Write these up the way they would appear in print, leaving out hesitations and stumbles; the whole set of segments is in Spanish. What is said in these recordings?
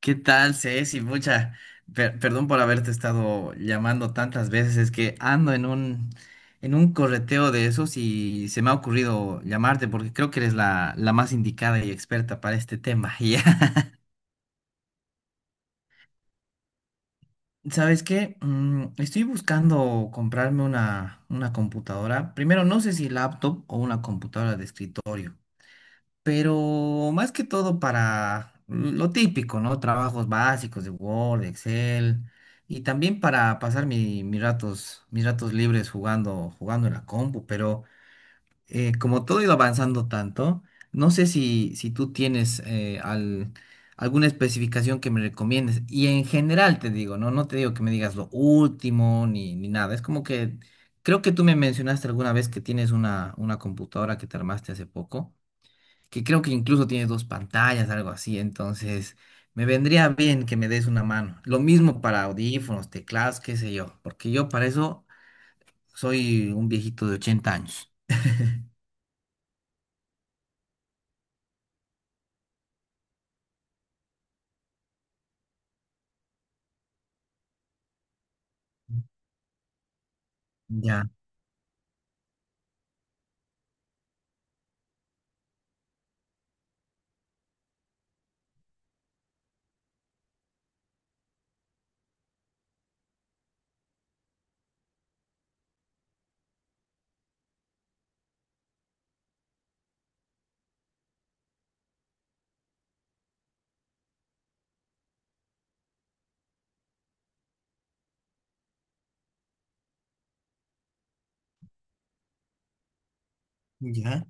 ¿Qué tal, Ceci? Mucha, perdón por haberte estado llamando tantas veces, es que ando en un correteo de esos y se me ha ocurrido llamarte porque creo que eres la más indicada y experta para este tema. ¿Ya? ¿Sabes qué? Estoy buscando comprarme una computadora. Primero, no sé si laptop o una computadora de escritorio. Pero más que todo para lo típico, ¿no? Trabajos básicos de Word, Excel, y también para pasar mis ratos libres jugando, jugando en la compu, pero como todo ha ido avanzando tanto, no sé si tú tienes alguna especificación que me recomiendes, y en general te digo, ¿no? No te digo que me digas lo último ni nada, es como que... Creo que tú me mencionaste alguna vez que tienes una computadora que te armaste hace poco que creo que incluso tiene dos pantallas, algo así, entonces me vendría bien que me des una mano. Lo mismo para audífonos, teclados, qué sé yo, porque yo para eso soy un viejito de 80 años. Ya, ya.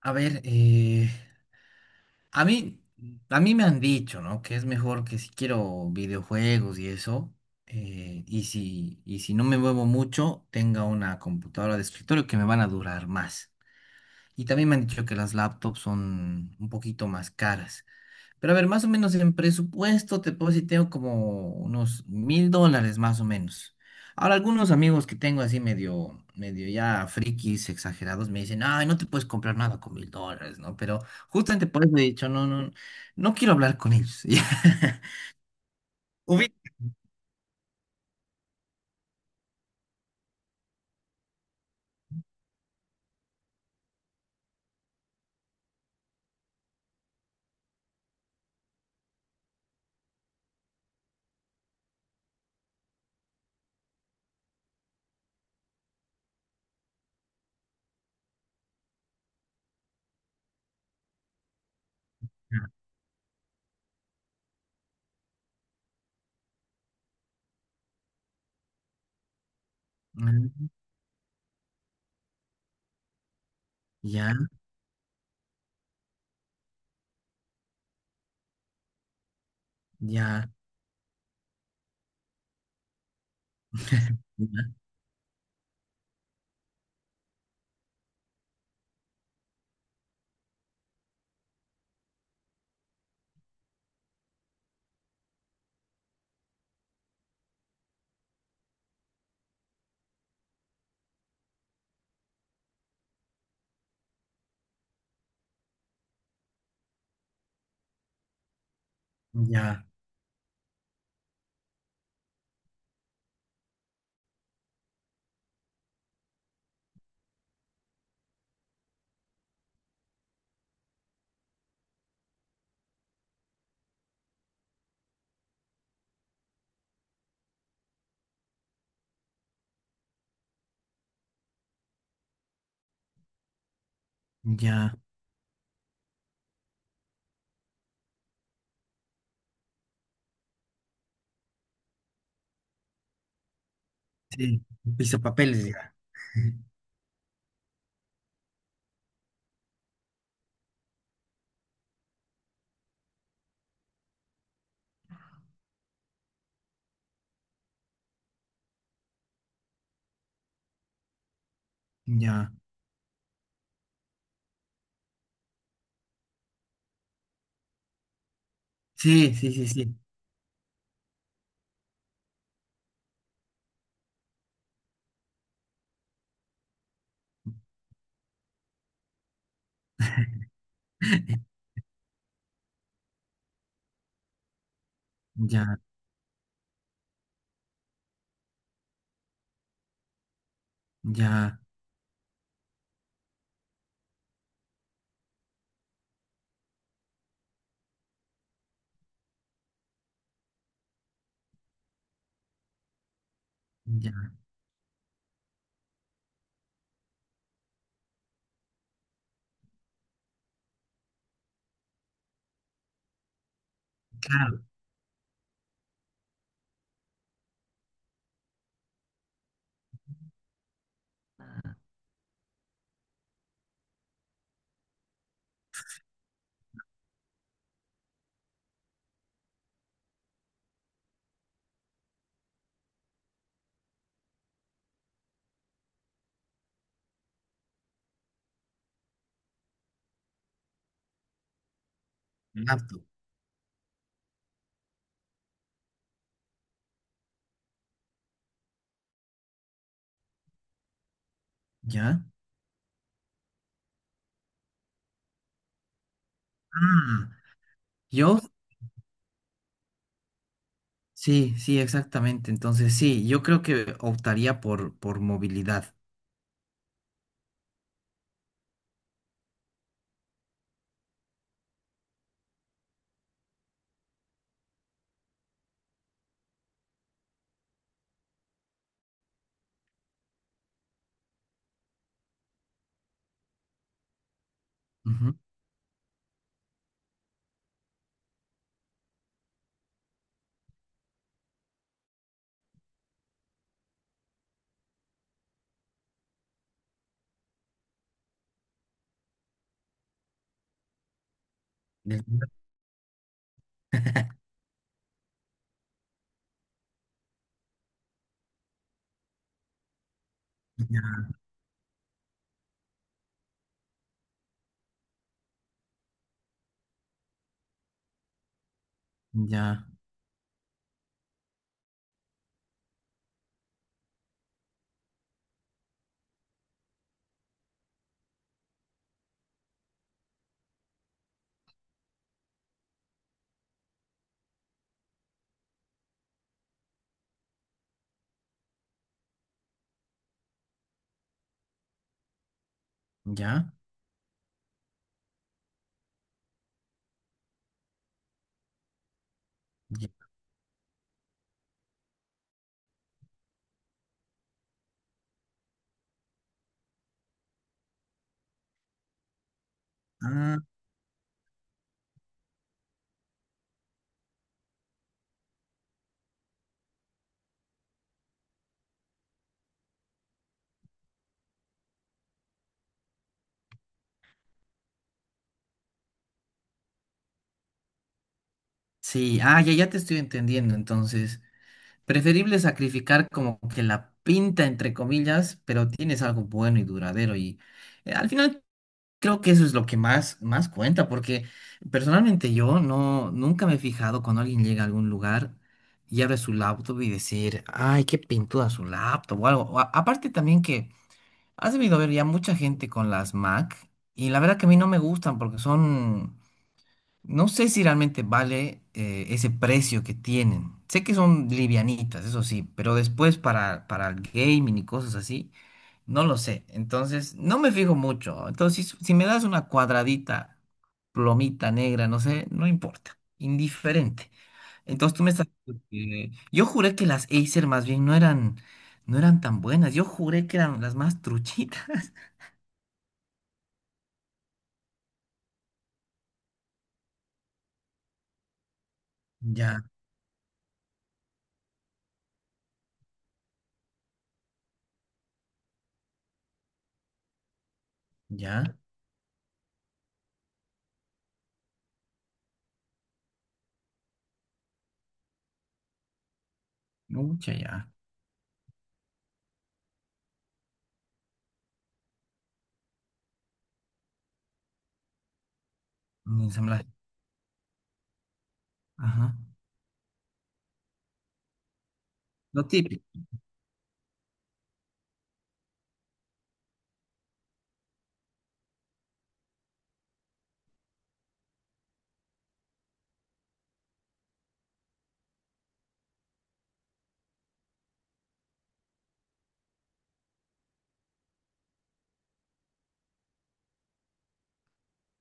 A ver, a mí, a mí me han dicho, ¿no? Que es mejor que si quiero videojuegos y eso, y si no me muevo mucho, tenga una computadora de escritorio que me van a durar más. Y también me han dicho que las laptops son un poquito más caras. Pero a ver, más o menos en presupuesto te puedo decir, tengo como unos $1000 más o menos. Ahora, algunos amigos que tengo así medio ya frikis, exagerados, me dicen, ay, no te puedes comprar nada con $1000, ¿no? Pero justamente por eso he dicho, no quiero hablar con ellos. Ya. Ubi- Mm, ya, ya, ya, ya, ya. Sí, pisapapeles, ya. Ya. Sí, sí, sí, sí. Ya, ya, ya. Claro. Laptop, ¿ya? Mm, yo, sí, sí, exactamente. Entonces, sí, yo creo que optaría por movilidad. Ujú. Del- Ya, ya, ya. Ya. Ah, sí, ah, ya, ya te estoy entendiendo. Entonces, preferible sacrificar como que la pinta, entre comillas, pero tienes algo bueno y duradero. Y al final creo que eso es lo que más, más cuenta, porque personalmente yo nunca me he fijado cuando alguien llega a algún lugar y abre su laptop y decir, ay, qué pintuda su laptop o algo. O aparte también que has debido ver ya mucha gente con las Mac y la verdad que a mí no me gustan porque son, no sé si realmente vale ese precio que tienen. Sé que son livianitas, eso sí, pero después para el gaming y cosas así. No lo sé, entonces no me fijo mucho. Entonces, si me das una cuadradita, plomita negra, no sé, no importa, indiferente. Entonces tú me estás... Eh, yo juré que las Acer más bien no eran, no eran tan buenas, yo juré que eran las más truchitas. Ya, ya, mucha ya. Un ensamblaje. Ajá. Lo típico.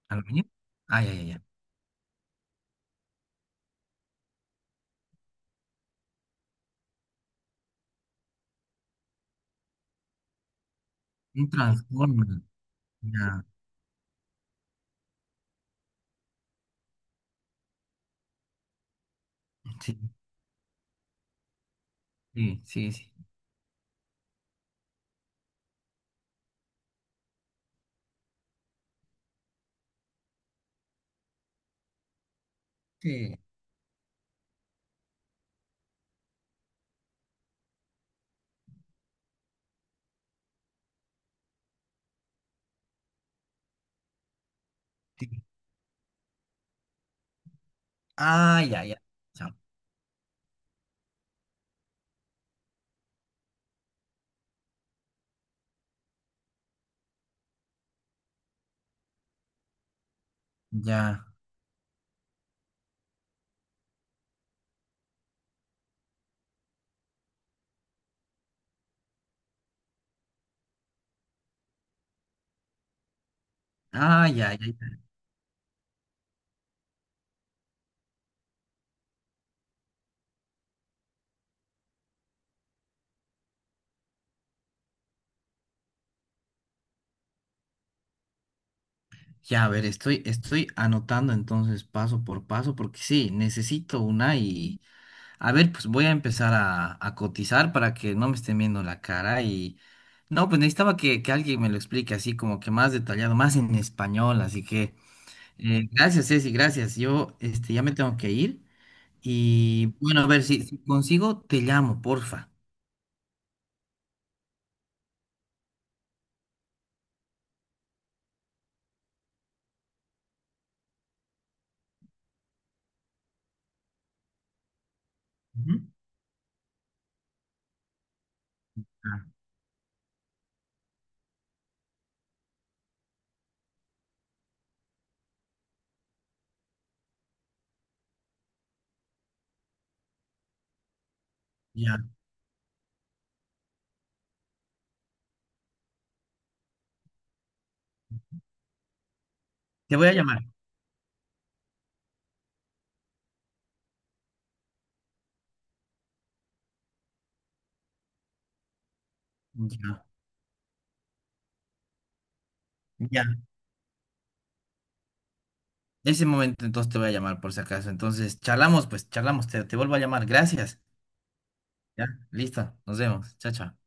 ¿Aluminio? Ah, ya, ya, ya. Un transformer. Ya. Sí, sí, sí, sí. Sí. Sí. Ah, ya, ya. Chao. Ya. Ah, ya, ya, ya. Ya, a ver, estoy, estoy anotando entonces paso por paso porque sí, necesito una y a ver, pues voy a empezar a cotizar para que no me estén viendo la cara y no, pues necesitaba que alguien me lo explique así como que más detallado, más en español, así que gracias, Ceci, gracias. Yo este, ya me tengo que ir y bueno, a ver, si consigo, te llamo, porfa. Ujú. Ah, ya, te voy a llamar. Ya, ya. Ese momento entonces te voy a llamar por si acaso. Entonces, charlamos, pues charlamos, te vuelvo a llamar. Gracias. Ya, listo, nos vemos. Chao, chao.